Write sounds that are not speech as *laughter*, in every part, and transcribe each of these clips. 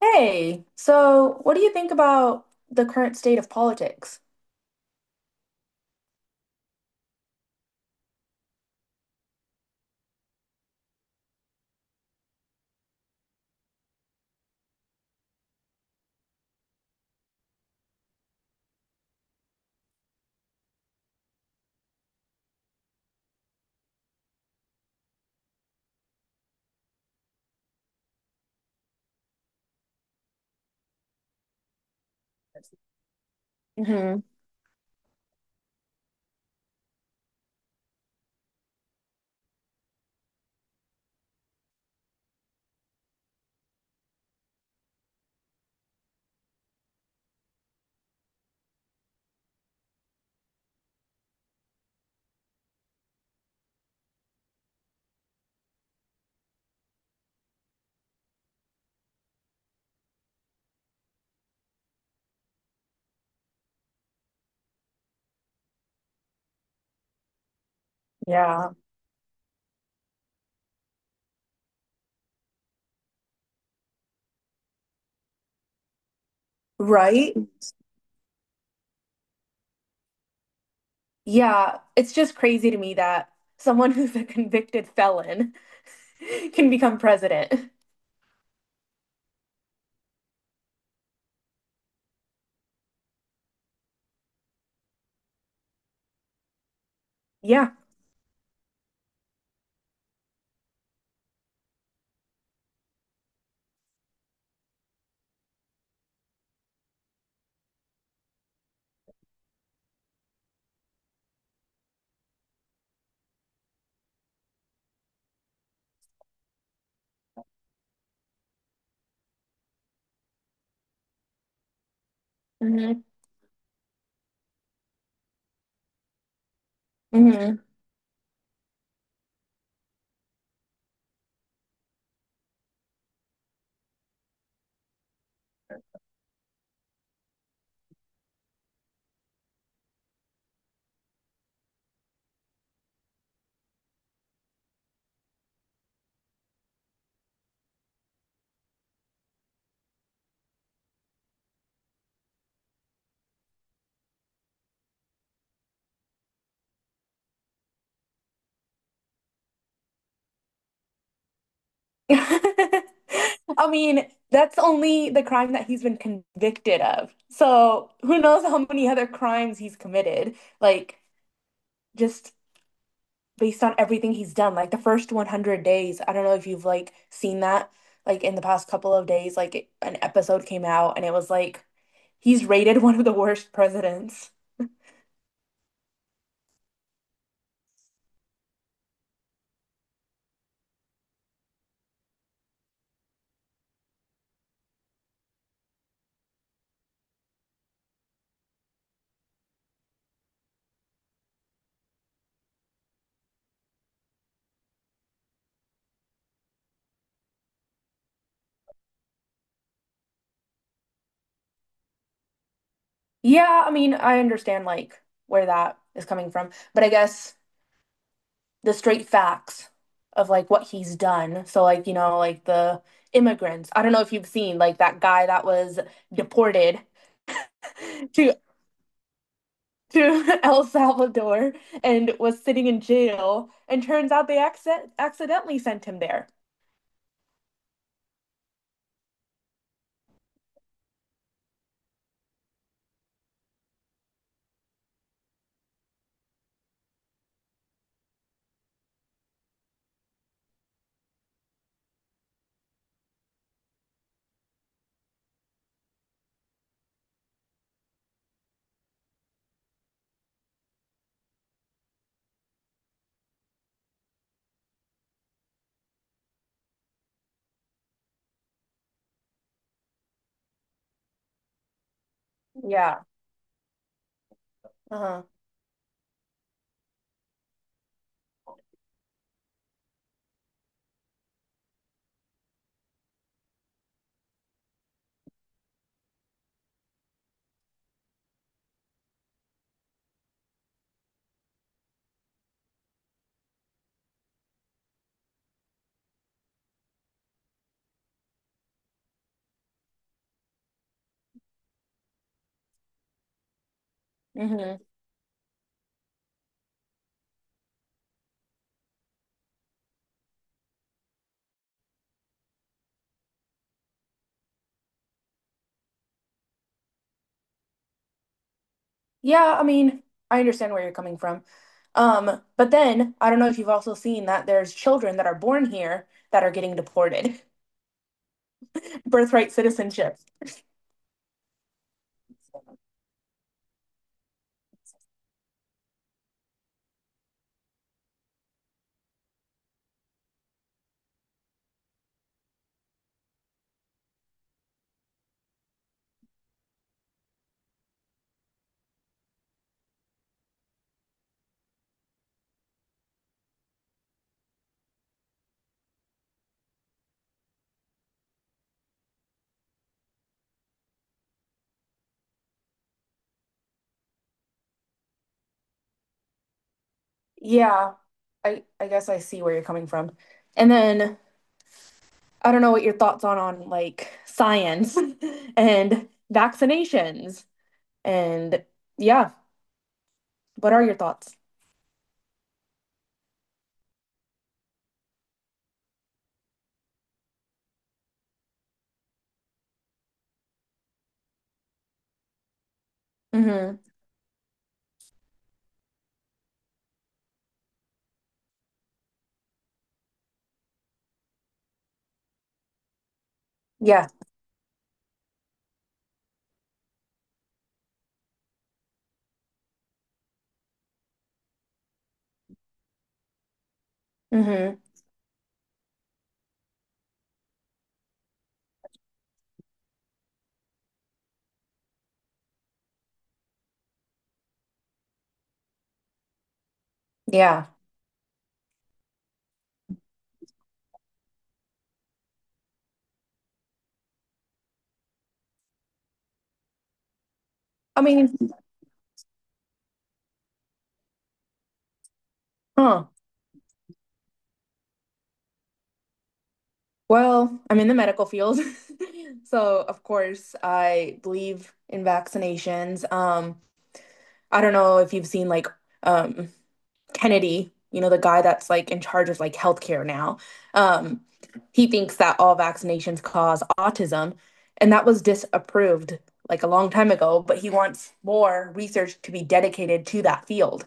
Hey, so what do you think about the current state of politics? Hmm. Yeah. Right? Yeah, it's just crazy to me that someone *laughs* who's a convicted felon *laughs* can become president. Yeah. Hmm. Hmm. *laughs* I mean, that's only the crime that he's been convicted of. So who knows how many other crimes he's committed? Like, just based on everything he's done. Like the first 100 days, I don't know if you've seen that like in the past couple of days like an episode came out and it was like he's rated *laughs* one of the worst presidents. Yeah, I mean, I understand like where that is coming from, but I guess the straight facts of like what he's done. So like, you know, like the immigrants. I don't know if you've seen like that guy that was deported *laughs* to to *laughs* El Salvador and was sitting in jail. And turns out they accidentally sent him there. Yeah. Uh-huh. Hmm. Yeah, I mean, I understand where you're coming from. But then I don't know if you've also seen that there's children that are born here that are getting deported. *laughs* Birthright citizenship. Yeah, I guess I see where you're coming from. And then I don't know what your thoughts on like science *laughs* and vaccinations and yeah. What are your thoughts? Mm-hmm. Yeah. Mm-hmm. Yeah. I mean, huh. Well, I'm in the medical field. *laughs* So, of course, I believe in vaccinations. I don't know if you've seen like um Kennedy, you know, the guy that's like in charge of like healthcare now. Um, he thinks that all vaccinations cause autism, and that was disapproved like a long time ago, but he wants more research to be dedicated to that field.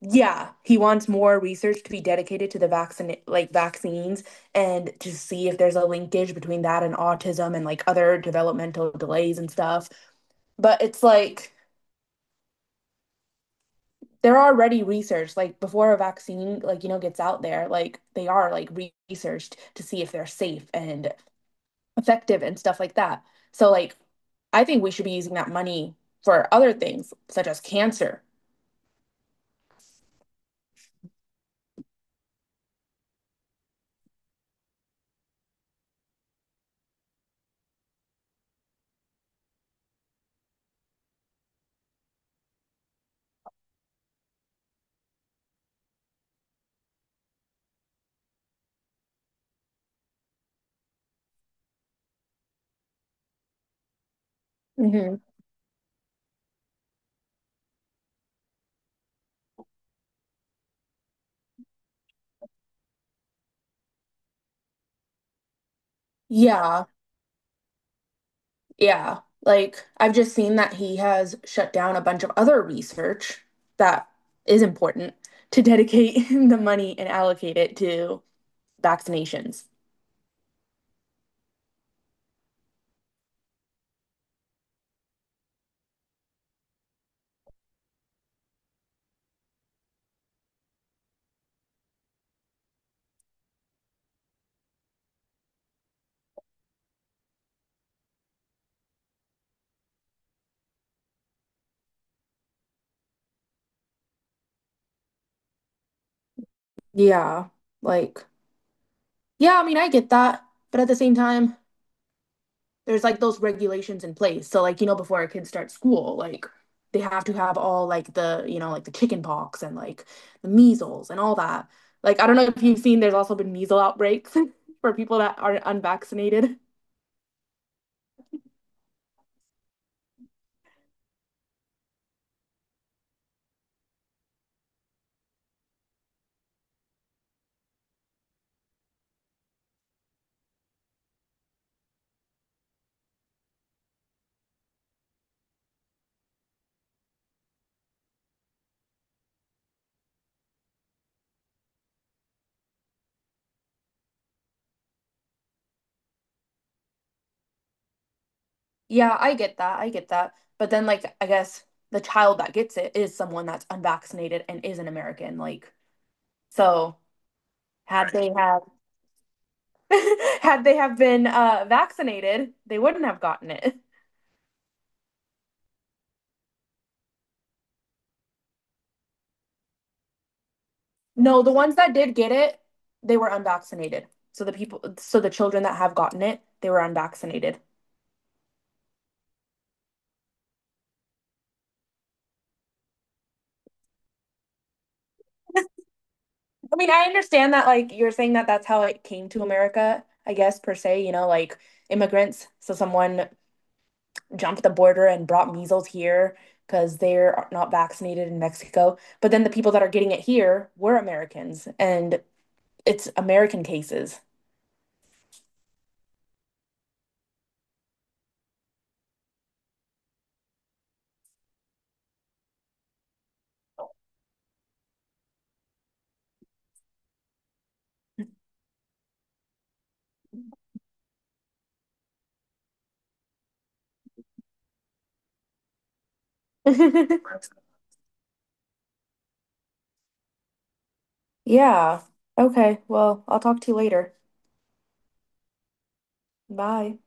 Yeah, he wants more research to be dedicated to the vaccine, like vaccines, and to see if there's a linkage between that and autism and like other developmental delays and stuff. But it's like they're already researched, like before a vaccine, like you know, gets out there, like they are researched to see if they're safe and effective and stuff like that. So like, I think we should be using that money for other things such as cancer. Hmm. Yeah. Yeah, like I've just seen that he has shut down a bunch of other research that is important to dedicate *laughs* the money and allocate it to vaccinations. Yeah, like, yeah, I mean, I get that, but at the same time, there's like those regulations in place. So like, you know, before our kids start school, like they have to have all like the, you know, like the chicken pox and like the measles and all that. Like, I don't know if you've seen, there's also been measles outbreaks *laughs* for people that are unvaccinated. Yeah, I get that. I get that. But then, like, I guess the child that gets it is someone that's unvaccinated and is an American. Like, so had Right. they have *laughs* had they have been vaccinated, they wouldn't have gotten it. No, the ones that did get it, they were unvaccinated. So the people, so the children that have gotten it, they were unvaccinated. I mean, I understand that, like, you're saying that that's how it came to America, I guess, per se, you know, like immigrants. So someone jumped the border and brought measles here because they're not vaccinated in Mexico. But then the people that are getting it here were Americans, and it's American cases. *laughs* Yeah. Okay. Well, I'll talk to you later. Bye.